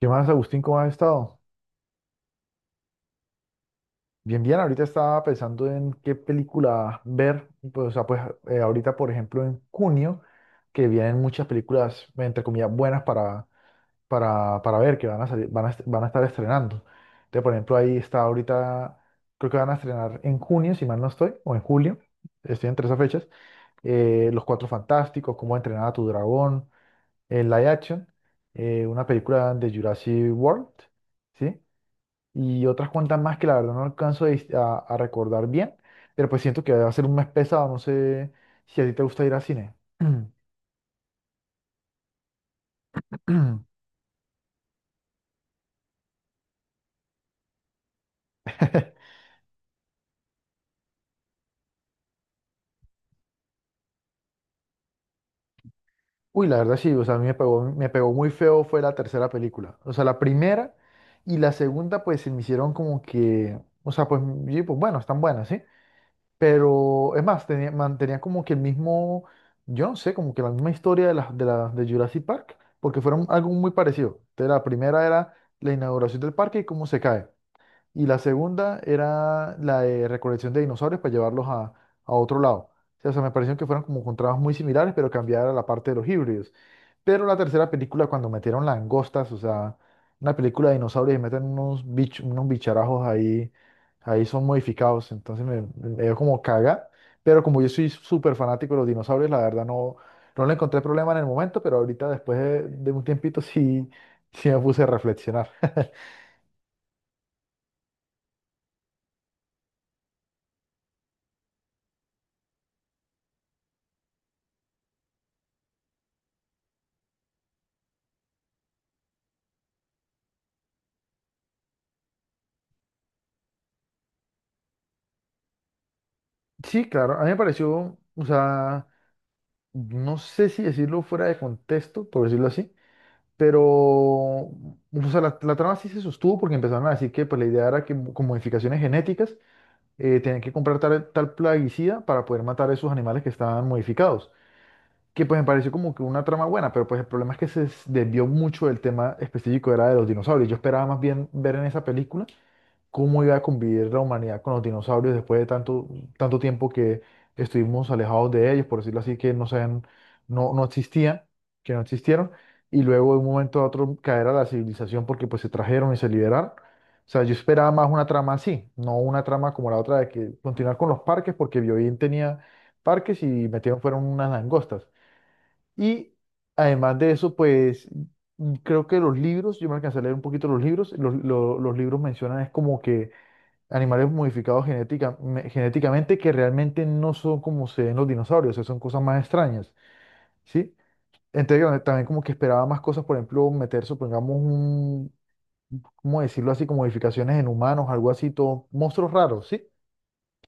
¿Qué más, Agustín? ¿Cómo has estado? Bien, bien. Ahorita estaba pensando en qué película ver. Pues, o sea, pues ahorita, por ejemplo, en junio, que vienen muchas películas, entre comillas, buenas para ver, que van a salir, van a estar estrenando. Entonces, por ejemplo, ahí está ahorita, creo que van a estrenar en junio, si mal no estoy, o en julio, estoy entre esas fechas, Los Cuatro Fantásticos, Cómo entrenar a tu dragón, el live action, una película de Jurassic World, ¿sí? Y otras cuantas más que la verdad no alcanzo a recordar bien, pero pues siento que va a ser un mes pesado, no sé si a ti te gusta ir al cine. Uy, la verdad sí, o sea, a mí me pegó muy feo fue la tercera película, o sea, la primera y la segunda pues se me hicieron como que, o sea, pues, y, pues bueno, están buenas, ¿sí? Pero es más, tenía, mantenía como que el mismo, yo no sé, como que la misma historia de las de, la, de Jurassic Park, porque fueron algo muy parecido. Entonces, la primera era la inauguración del parque y cómo se cae. Y la segunda era la de recolección de dinosaurios para llevarlos a otro lado. O sea, me pareció que fueron como con trabajos muy similares, pero cambiara la parte de los híbridos. Pero la tercera película, cuando metieron langostas, o sea, una película de dinosaurios y meten unos bicharajos ahí son modificados. Entonces me, dio como caga. Pero como yo soy súper fanático de los dinosaurios, la verdad no, no le encontré problema en el momento, pero ahorita después de un tiempito sí, sí me puse a reflexionar. Sí, claro, a mí me pareció, o sea, no sé si decirlo fuera de contexto, por decirlo así, pero, o sea, la trama sí se sostuvo porque empezaron a decir que pues, la idea era que con modificaciones genéticas tenían que comprar tal plaguicida para poder matar a esos animales que estaban modificados, que pues me pareció como que una trama buena, pero pues el problema es que se desvió mucho del tema específico, era de los dinosaurios. Yo esperaba más bien ver en esa película cómo iba a convivir la humanidad con los dinosaurios después de tanto, tanto tiempo que estuvimos alejados de ellos, por decirlo así, que no sean, no, no existían, que no existieron, y luego de un momento a otro caer a la civilización porque pues se trajeron y se liberaron. O sea, yo esperaba más una trama así, no una trama como la otra de que continuar con los parques, porque Biobío tenía parques y metieron fueron unas langostas. Y además de eso, pues creo que los libros, yo me alcancé a leer un poquito los libros, los libros mencionan es como que animales modificados genéticamente que realmente no son como se ven los dinosaurios, o sea, son cosas más extrañas, ¿sí? Entonces, yo también como que esperaba más cosas, por ejemplo, meter, supongamos, un, ¿cómo decirlo así? Como modificaciones en humanos, algo así, todo, monstruos raros, ¿sí?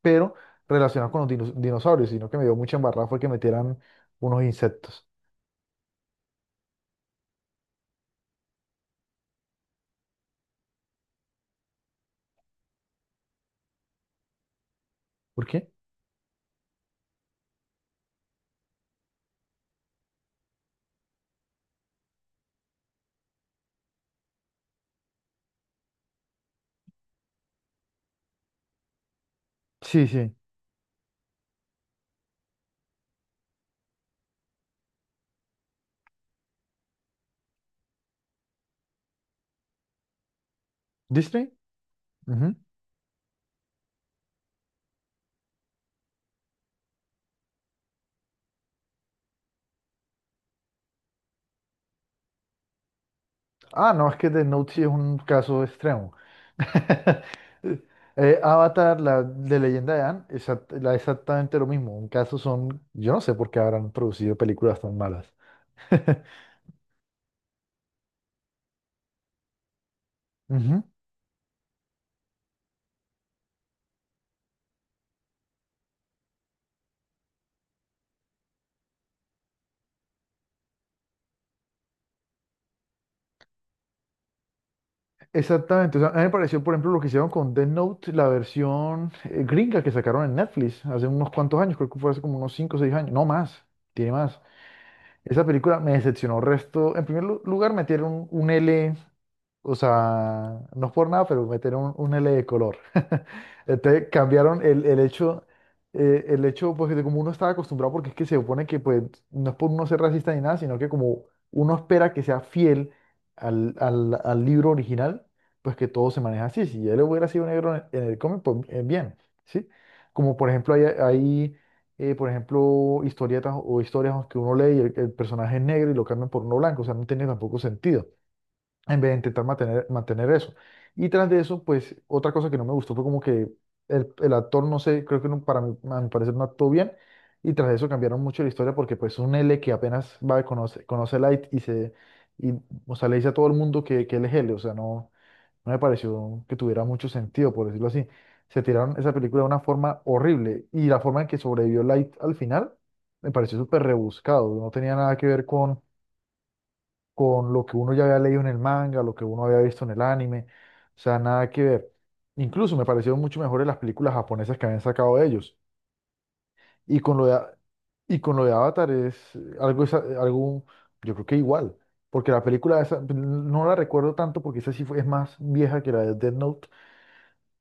Pero relacionados con los dinosaurios, sino que me dio mucha embarrada fue que metieran unos insectos. ¿Por qué? Sí, sí. ¿Disney? Ujú. Ah, no, es que The Note sí es un caso extremo. Avatar, la de Leyenda de Ann, exactamente lo mismo. En caso son, yo no sé por qué habrán producido películas tan malas. Ujú. Exactamente. O sea, a mí me pareció, por ejemplo, lo que hicieron con Death Note, la versión gringa que sacaron en Netflix hace unos cuantos años, creo que fue hace como unos 5 o 6 años, no más, tiene más. Esa película me decepcionó resto. En primer lugar, metieron un L, o sea, no es por nada, pero metieron un L de color. Entonces cambiaron el hecho, el hecho, pues, de como uno estaba acostumbrado, porque es que se supone que, pues, no es por uno ser racista ni nada, sino que como uno espera que sea fiel al libro original, pues que todo se maneja así. Si él hubiera sido negro en el cómic, pues bien, ¿sí? Como por ejemplo, hay por ejemplo, historietas o historias que uno lee y el personaje es negro y lo cambian por uno blanco, o sea, no tiene tampoco sentido, en vez de intentar mantener eso. Y tras de eso, pues, otra cosa que no me gustó fue como que el actor, no sé, creo que no, para mí, a mi parecer no actuó bien, y tras de eso cambiaron mucho la historia porque, pues, un L que apenas va a conocer, conoce a Light y, o sea, le dice a todo el mundo que, él es L, o sea, no. No me pareció que tuviera mucho sentido, por decirlo así. Se tiraron esa película de una forma horrible y la forma en que sobrevivió Light al final me pareció súper rebuscado. No tenía nada que ver con lo que uno ya había leído en el manga, lo que uno había visto en el anime. O sea, nada que ver. Incluso me parecieron mucho mejores las películas japonesas que habían sacado ellos. Y con lo de, A- y con lo de Avatar es algo, algo, yo creo que igual. Porque la película esa, no la recuerdo tanto porque esa sí fue, es más vieja que la de Death Note,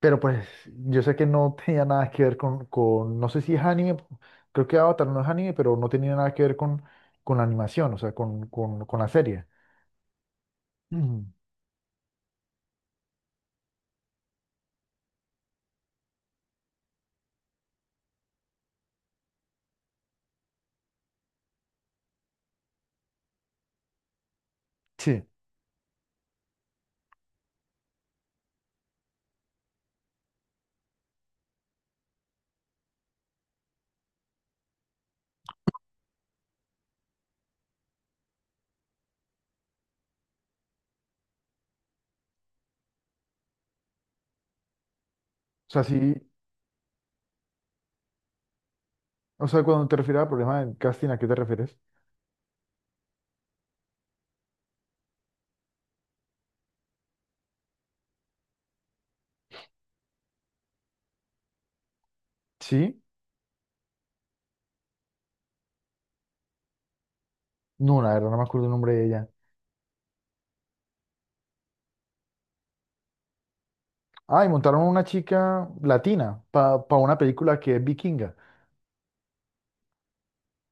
pero pues yo sé que no tenía nada que ver con, no sé si es anime, creo que Avatar no es anime, pero no tenía nada que ver con la animación, o sea, con la serie. Mm. Sí. O sea, sí, o sea, cuando te refieres al problema del casting, ¿a qué te refieres? Sí, no, la verdad no me acuerdo el nombre de ella. Ah, y montaron una chica latina para una película que es vikinga.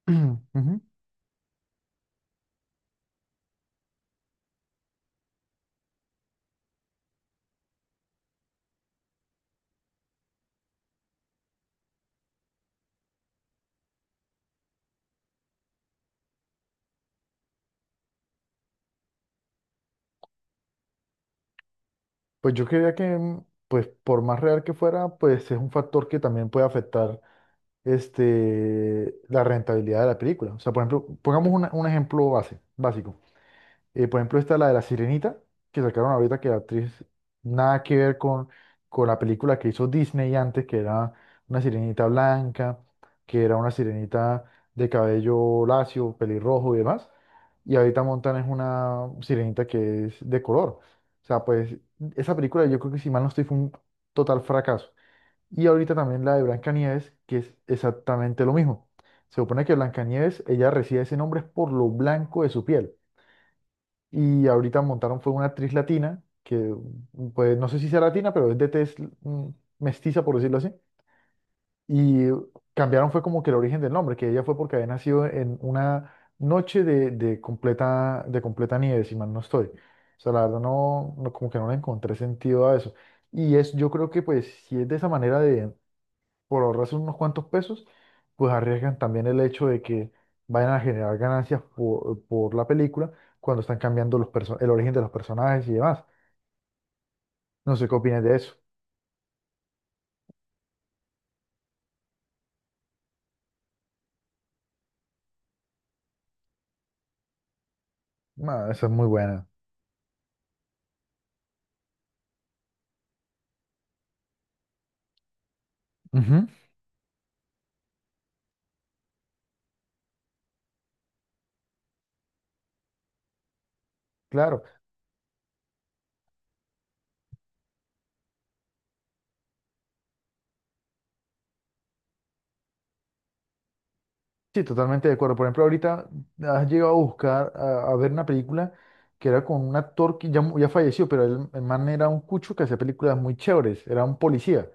Ujú. Pues yo creía que, pues por más real que fuera, pues es un factor que también puede afectar este, la rentabilidad de la película. O sea, por ejemplo, pongamos un ejemplo básico. Por ejemplo, está la de La Sirenita, que sacaron ahorita que la actriz nada que ver con la película que hizo Disney antes, que era una sirenita blanca, que era una sirenita de cabello lacio, pelirrojo y demás. Y ahorita montan es una sirenita que es de color. O sea, pues esa película yo creo que si mal no estoy fue un total fracaso. Y ahorita también la de Blancanieves, que es exactamente lo mismo. Se supone que Blancanieves, ella recibe ese nombre es por lo blanco de su piel. Y ahorita montaron fue una actriz latina, que pues no sé si sea latina, pero es de tez mm, mestiza, por decirlo así. Y cambiaron fue como que el origen del nombre, que ella fue porque había nacido en una noche de completa, de completa nieve, si mal no estoy. O sea, la verdad no, no, como que no le encontré sentido a eso. Y es, yo creo que pues si es de esa manera de por ahorrarse unos cuantos pesos, pues arriesgan también el hecho de que vayan a generar ganancias por la película cuando están cambiando el origen de los personajes y demás. No sé qué opinas de eso. Ah, esa es muy buena. Ujú. Claro, sí, totalmente de acuerdo. Por ejemplo, ahorita has llegado a buscar, a ver una película que era con un actor que ya falleció, pero él, el man era un cucho que hacía películas muy chéveres, era un policía.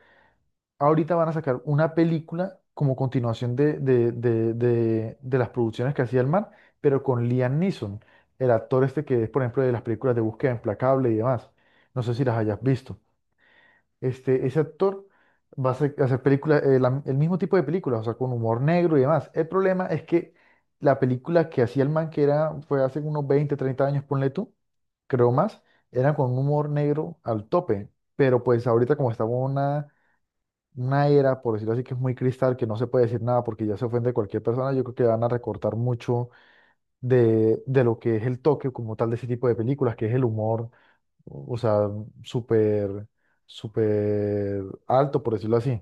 Ahorita van a sacar una película como continuación de las producciones que hacía el man, pero con Liam Neeson, el actor este que es, por ejemplo, de las películas de Búsqueda Implacable y demás. No sé si las hayas visto. Este, ese actor va a hacer películas, el mismo tipo de películas, o sea, con humor negro y demás. El problema es que la película que hacía el man, que era, fue hace unos 20 30 años, ponle tú, creo más, era con un humor negro al tope. Pero pues ahorita como estaba una era, por decirlo así, que es muy cristal, que no se puede decir nada porque ya se ofende cualquier persona, yo creo que van a recortar mucho de lo que es el toque como tal de ese tipo de películas, que es el humor, o sea, súper, súper alto, por decirlo así.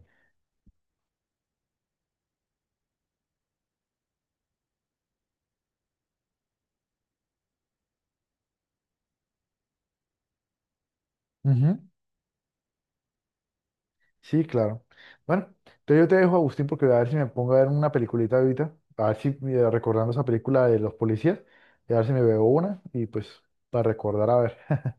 Ujú. Sí, claro. Bueno, entonces yo te dejo, Agustín, porque voy a ver si me pongo a ver una peliculita ahorita, a ver si recordando esa película de los policías, y a ver si me veo una y pues para recordar, a ver.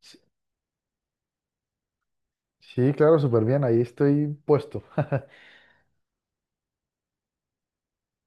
Sí, sí, claro, súper bien, ahí estoy puesto.